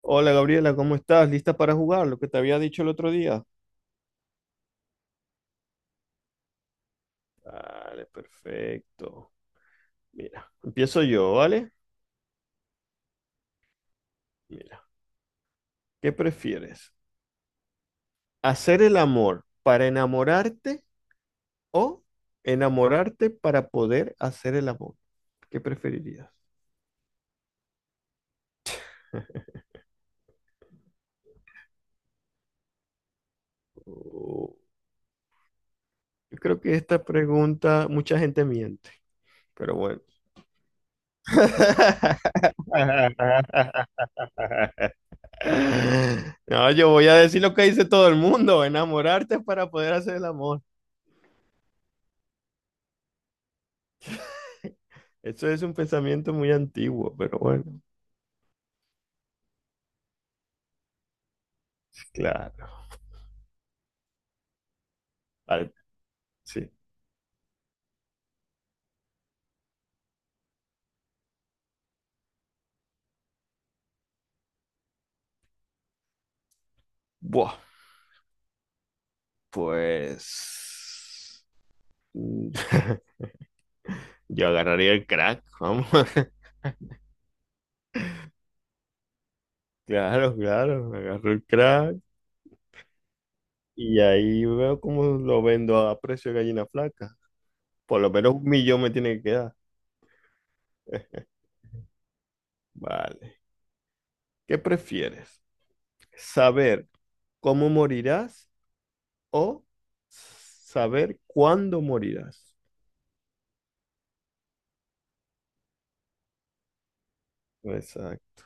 Hola Gabriela, ¿cómo estás? ¿Lista para jugar? Lo que te había dicho el otro día. Vale, perfecto. Mira, empiezo yo, ¿vale? Mira, ¿qué prefieres? ¿Hacer el amor para enamorarte o enamorarte para poder hacer el amor? ¿Qué preferirías? Oh, yo creo que esta pregunta mucha gente miente, pero bueno. No, yo voy a decir lo que dice todo el mundo, enamorarte para poder hacer el amor. Eso es un pensamiento muy antiguo, pero bueno, claro. Vale, sí. Buah, pues mm, yo agarraría el crack, vamos. Claro, claro, agarro el crack y ahí veo cómo lo vendo a precio de gallina flaca. Por lo menos 1 millón me tiene que quedar. Vale. ¿Qué prefieres? ¿Saber cómo morirás o saber cuándo morirás? Exacto.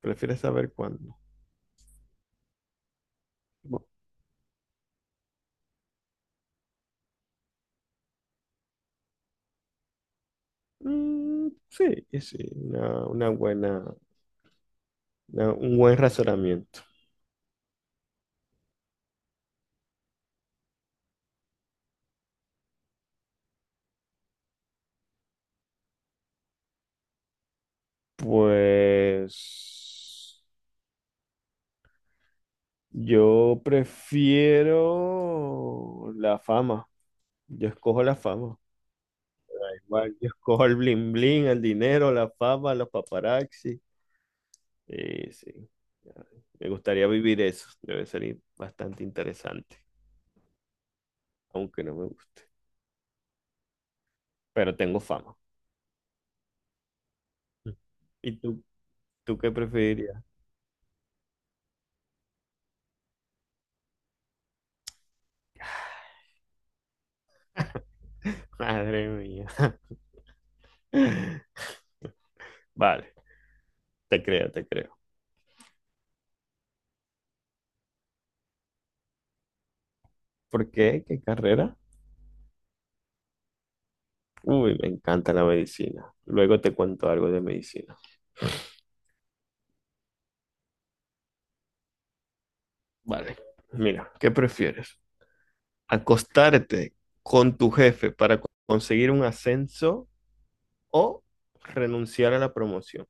¿Prefieres saber cuándo? Mm, sí, sí, un buen razonamiento. Pues yo prefiero la fama. Yo escojo la fama. Igual yo escojo el bling bling, el dinero, la fama, los paparazzi. Sí, sí. Me gustaría vivir eso. Debe ser bastante interesante, aunque no me guste. Pero tengo fama. ¿Y tú qué preferirías? Madre mía. Vale. Te creo, te creo. ¿Por qué? ¿Qué carrera? Uy, me encanta la medicina. Luego te cuento algo de medicina. Vale. Mira, ¿qué prefieres? ¿Acostarte con tu jefe para conseguir un ascenso o renunciar a la promoción?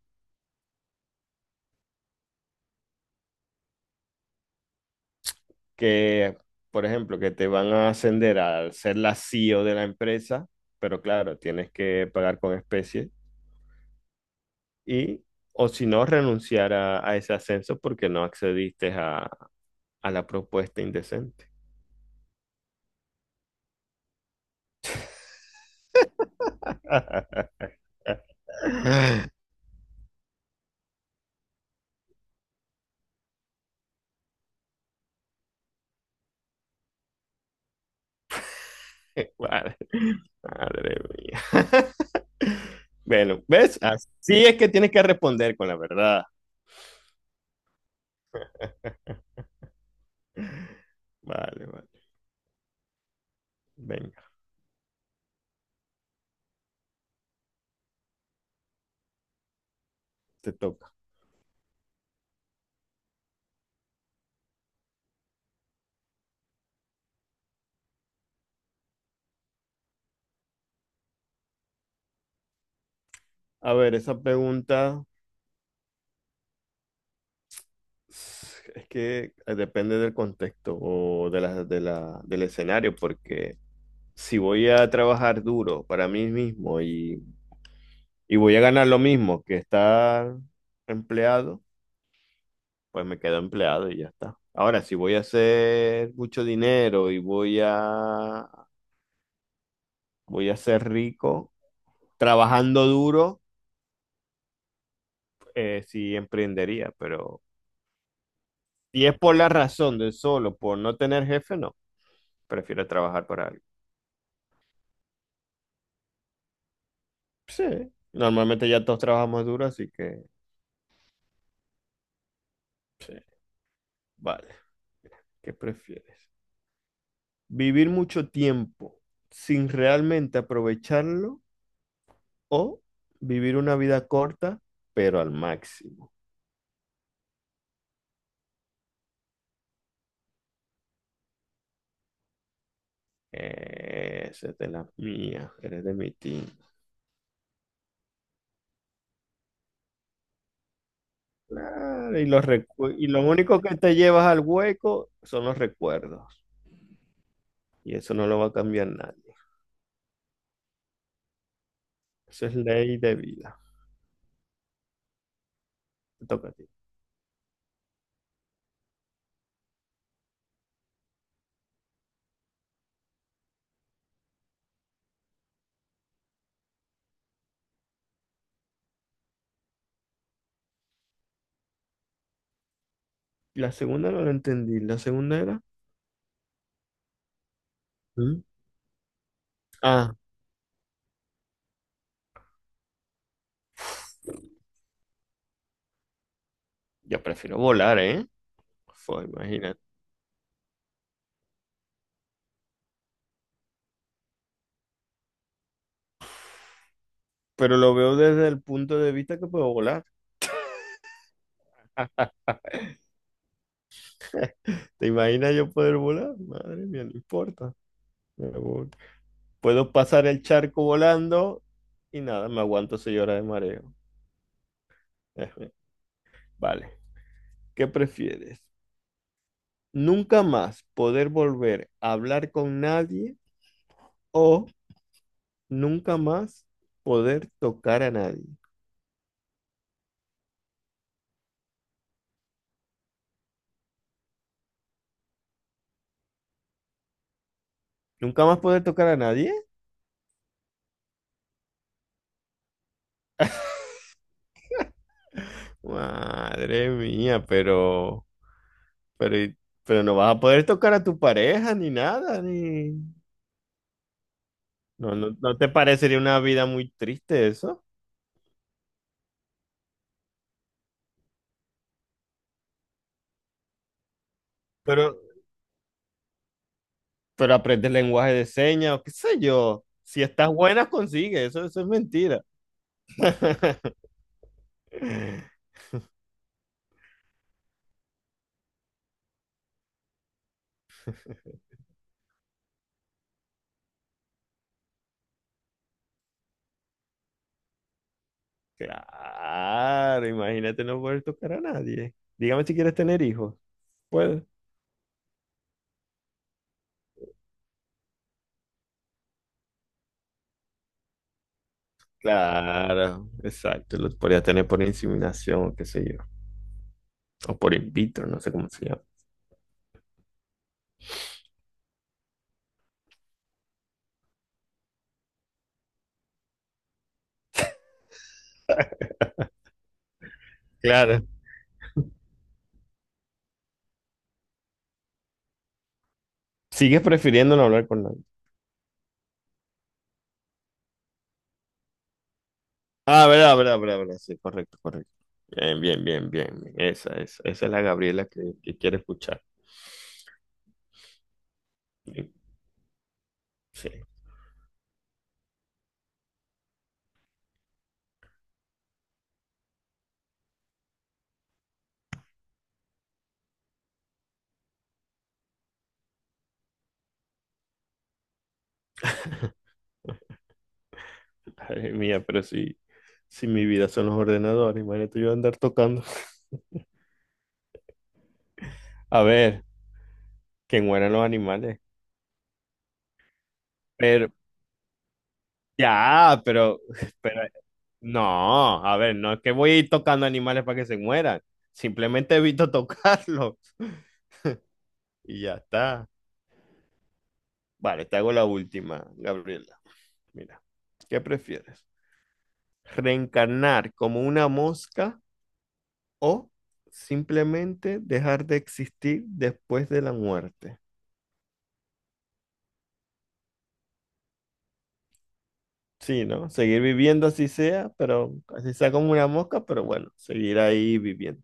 Que, por ejemplo, que te van a ascender a ser la CEO de la empresa, pero claro, tienes que pagar con especies. Y, o si no, renunciar a ese ascenso porque no accediste a la propuesta indecente. Madre, madre mía. Bueno, ¿ves? Así es que tienes que responder con la verdad. Vale, vale. Venga, te toca. A ver, esa pregunta es que depende del contexto o del escenario, porque si voy a trabajar duro para mí mismo y voy a ganar lo mismo que estar empleado, pues me quedo empleado y ya está. Ahora, si voy a hacer mucho dinero y voy a voy a ser rico trabajando duro, sí emprendería, pero si es por la razón de solo, por no tener jefe, no, prefiero trabajar para alguien. Sí, normalmente ya todos trabajamos duro, así que vale, ¿qué prefieres? ¿Vivir mucho tiempo sin realmente aprovecharlo o vivir una vida corta, pero al máximo? Esa es de la mía, eres de mi team. Claro, y y lo único que te llevas al hueco son los recuerdos. Y eso no lo va a cambiar nadie. Eso es ley de vida. Te toca a ti. La segunda no la entendí. La segunda era. ¿Mm? Ah, yo prefiero volar, ¿eh? Fue, imagínate. Pero lo veo desde el punto de vista que puedo volar. ¿Te imaginas yo poder volar? Madre mía, no importa. Me voy. Puedo pasar el charco volando y nada, me aguanto 6 horas de mareo. Vale. ¿Qué prefieres? ¿Nunca más poder volver a hablar con nadie o nunca más poder tocar a nadie? ¿Nunca más poder tocar a nadie? Madre mía, pero, y- pero no vas a poder tocar a tu pareja ni nada, ni... No, no, ¿no te parecería una vida muy triste eso? Pero, pero aprendes lenguaje de señas o qué sé yo. Si estás buena, consigues. Eso es mentira. Claro, imagínate no poder tocar a nadie. Dígame si quieres tener hijos. Puedes. Claro, exacto. Los podrías tener por inseminación, o qué sé yo. O por in vitro, no sé cómo se llama. Claro. Sigues prefiriendo no hablar con nadie. Ah, verdad, verdad, verdad, verdad. Sí, correcto, correcto. Bien, bien, bien, bien, bien. Esa es la Gabriela que quiere escuchar. Sí, sí. Madre mía, pero si mi vida son los ordenadores, imagínate yo andar tocando. A ver, que mueran los animales. Pero, ya, pero, no, a ver, no es que voy a ir tocando animales para que se mueran. Simplemente evito tocarlos y ya está. Vale, te hago la última, Gabriela. Mira, ¿qué prefieres? ¿Reencarnar como una mosca o simplemente dejar de existir después de la muerte? Sí, ¿no? Seguir viviendo así sea, pero así sea como una mosca, pero bueno, seguir ahí viviendo.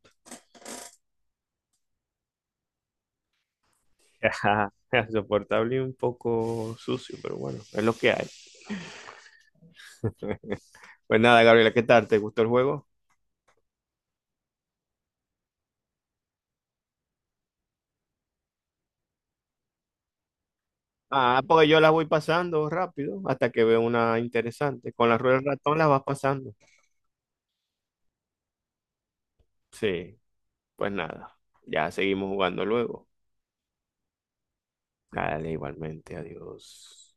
Ajá, soportable y un poco sucio, pero bueno, es lo que hay. Pues nada, Gabriela, ¿qué tal? ¿Te gustó el juego? Ah, porque yo las voy pasando rápido hasta que veo una interesante. Con la rueda del ratón las vas pasando. Sí, pues nada, ya seguimos jugando luego. Dale, igualmente, adiós.